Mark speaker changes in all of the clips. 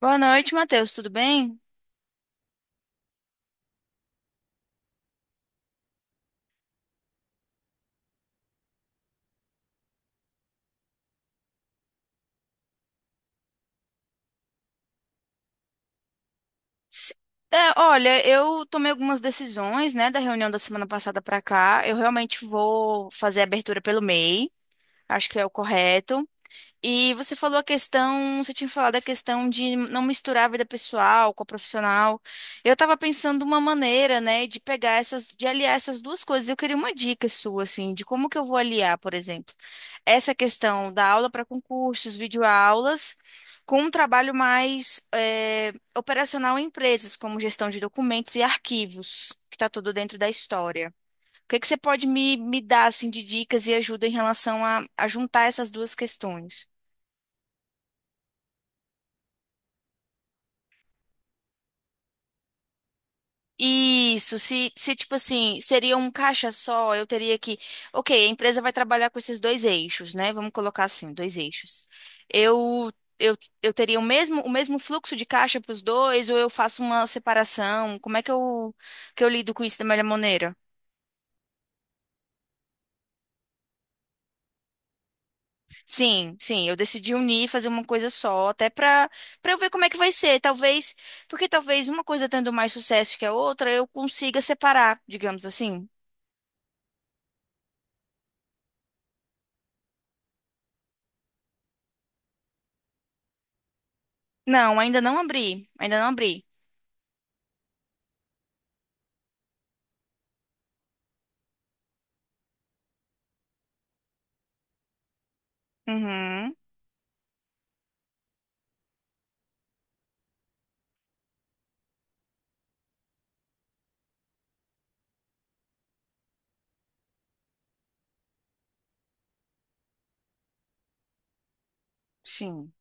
Speaker 1: Boa noite, Matheus. Tudo bem? Se- Olha, eu tomei algumas decisões, né, da reunião da semana passada para cá. Eu realmente vou fazer a abertura pelo MEI, acho que é o correto. E você falou a questão, você tinha falado a questão de não misturar a vida pessoal com a profissional. Eu estava pensando uma maneira, né, de pegar essas, de aliar essas duas coisas. Eu queria uma dica sua, assim, de como que eu vou aliar, por exemplo, essa questão da aula para concursos, videoaulas, com um trabalho mais operacional em empresas, como gestão de documentos e arquivos, que está tudo dentro da história. O que que você pode me dar, assim, de dicas e ajuda em relação a juntar essas duas questões? Isso, se tipo assim, seria um caixa só, eu teria que. Ok, a empresa vai trabalhar com esses dois eixos, né? Vamos colocar assim, dois eixos. Eu, eu, eu teria o mesmo fluxo de caixa para os dois, ou eu faço uma separação? Como é que eu lido com isso da melhor maneira? Sim, sim, eu decidi unir, fazer uma coisa só, até para eu ver como é que vai ser. Talvez, porque talvez uma coisa tendo mais sucesso que a outra, eu consiga separar, digamos assim. Não, ainda não abri, ainda não abri. Uhum, sim.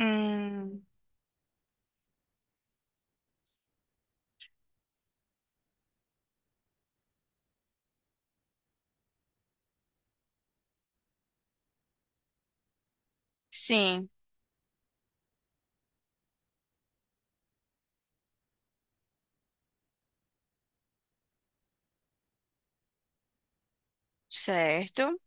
Speaker 1: Hum, sim, certo.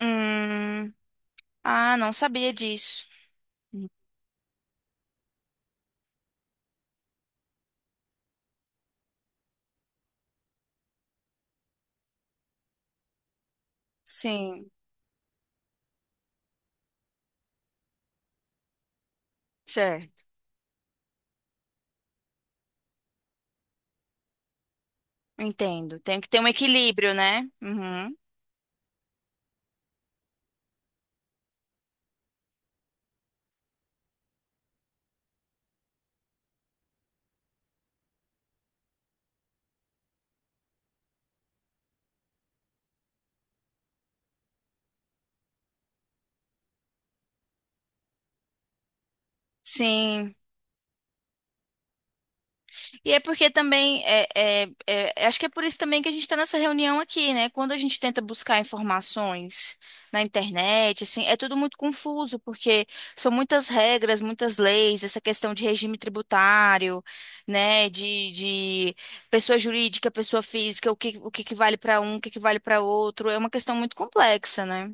Speaker 1: Hum, ah, não sabia disso. Uhum. Sim, certo. Entendo. Tem que ter um equilíbrio, né? Uhum. Sim. E é porque também, acho que é por isso também que a gente está nessa reunião aqui, né? Quando a gente tenta buscar informações na internet, assim, é tudo muito confuso, porque são muitas regras, muitas leis, essa questão de regime tributário, né? De pessoa jurídica, pessoa física, o que que vale para um, o que que vale para outro. É uma questão muito complexa, né?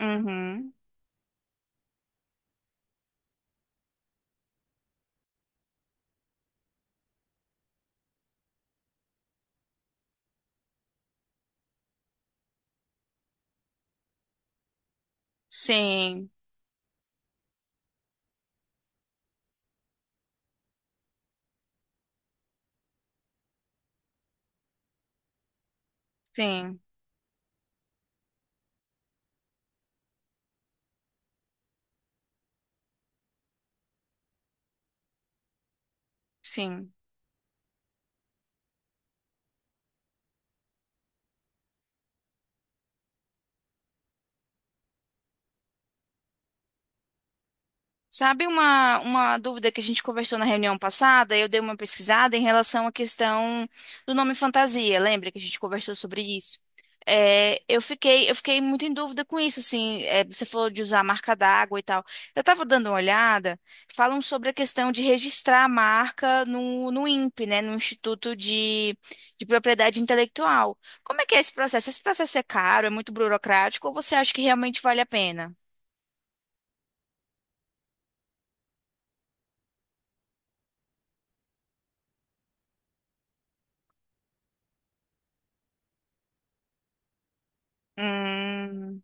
Speaker 1: Uhum. Sim, sim, sim. Sabe uma dúvida que a gente conversou na reunião passada? Eu dei uma pesquisada em relação à questão do nome fantasia. Lembra que a gente conversou sobre isso? É, eu fiquei muito em dúvida com isso, assim. É, você falou de usar a marca d'água e tal. Eu estava dando uma olhada, falam sobre a questão de registrar a marca no INPE, né? No Instituto de Propriedade Intelectual. Como é que é esse processo? Esse processo é caro, é muito burocrático, ou você acha que realmente vale a pena? Hum,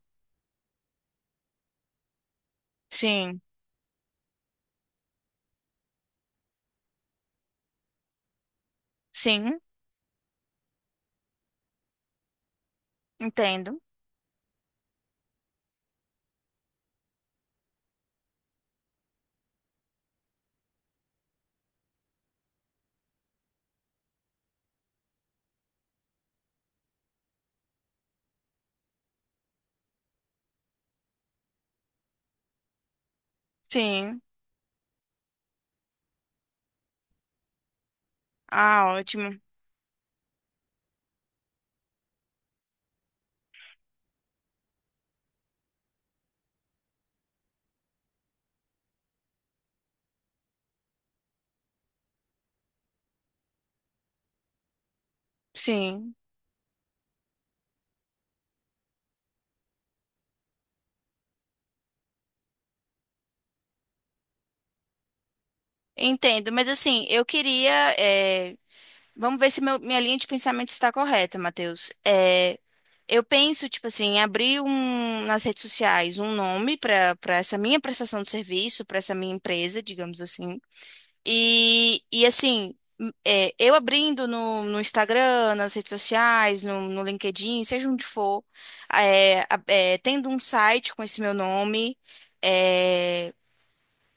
Speaker 1: sim. Sim, entendo. Sim. Ah, ótimo. Sim, entendo. Mas assim, eu queria. eh, Vamos ver se minha linha de pensamento está correta, Matheus. Eu penso, tipo assim, em abrir um, nas redes sociais um nome para essa minha prestação de serviço, para essa minha empresa, digamos assim. E assim, é, eu abrindo no Instagram, nas redes sociais, no LinkedIn, seja onde for, tendo um site com esse meu nome, é,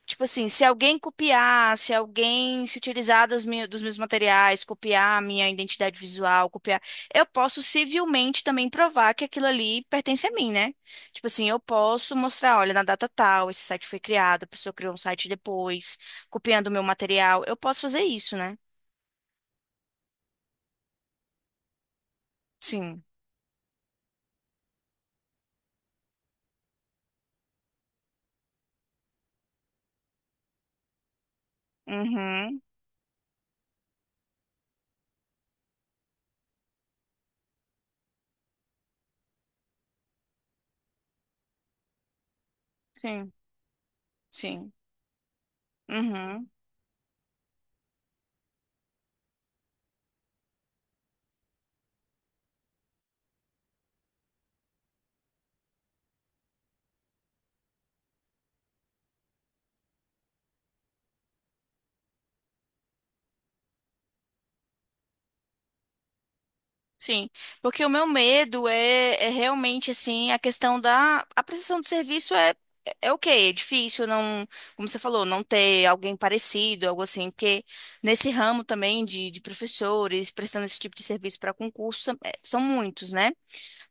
Speaker 1: tipo assim, se alguém copiar, se alguém se utilizar dos meus materiais, copiar a minha identidade visual, copiar, eu posso civilmente também provar que aquilo ali pertence a mim, né? Tipo assim, eu posso mostrar, olha, na data tal, esse site foi criado, a pessoa criou um site depois, copiando o meu material. Eu posso fazer isso, né? Sim. Uhum. Sim. Sim. Uhum. Sim, porque o meu medo é realmente assim a questão da a prestação de serviço é o ok, é difícil não, como você falou, não ter alguém parecido, algo assim, porque nesse ramo também de professores prestando esse tipo de serviço para concurso é, são muitos, né?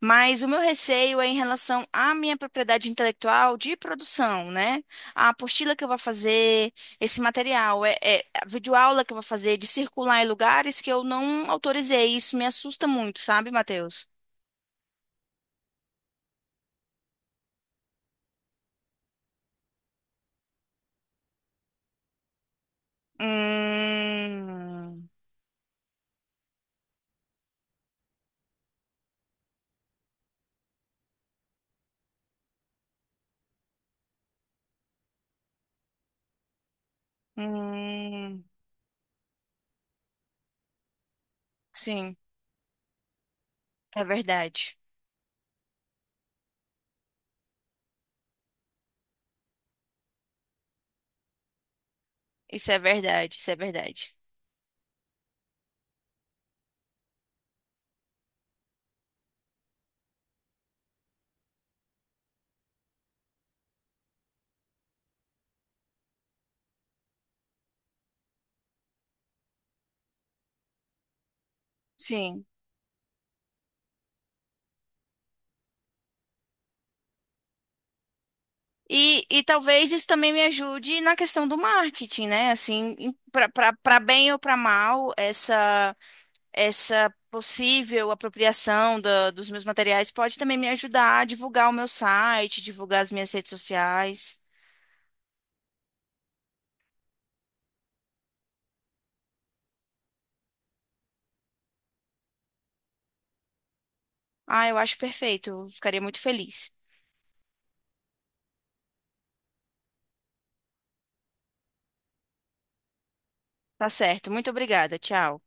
Speaker 1: Mas o meu receio é em relação à minha propriedade intelectual de produção, né? A apostila que eu vou fazer, esse material, a videoaula que eu vou fazer, de circular em lugares que eu não autorizei. Isso me assusta muito, sabe, Matheus? Hum, hum, sim, é verdade. Isso é verdade, isso é verdade. Sim. E talvez isso também me ajude na questão do marketing, né? Assim, para bem ou para mal, essa. Essa possível apropriação dos meus materiais pode também me ajudar a divulgar o meu site, divulgar as minhas redes sociais. Ah, eu acho perfeito. Eu Ficaria muito feliz. Tá certo. Muito obrigada. Tchau.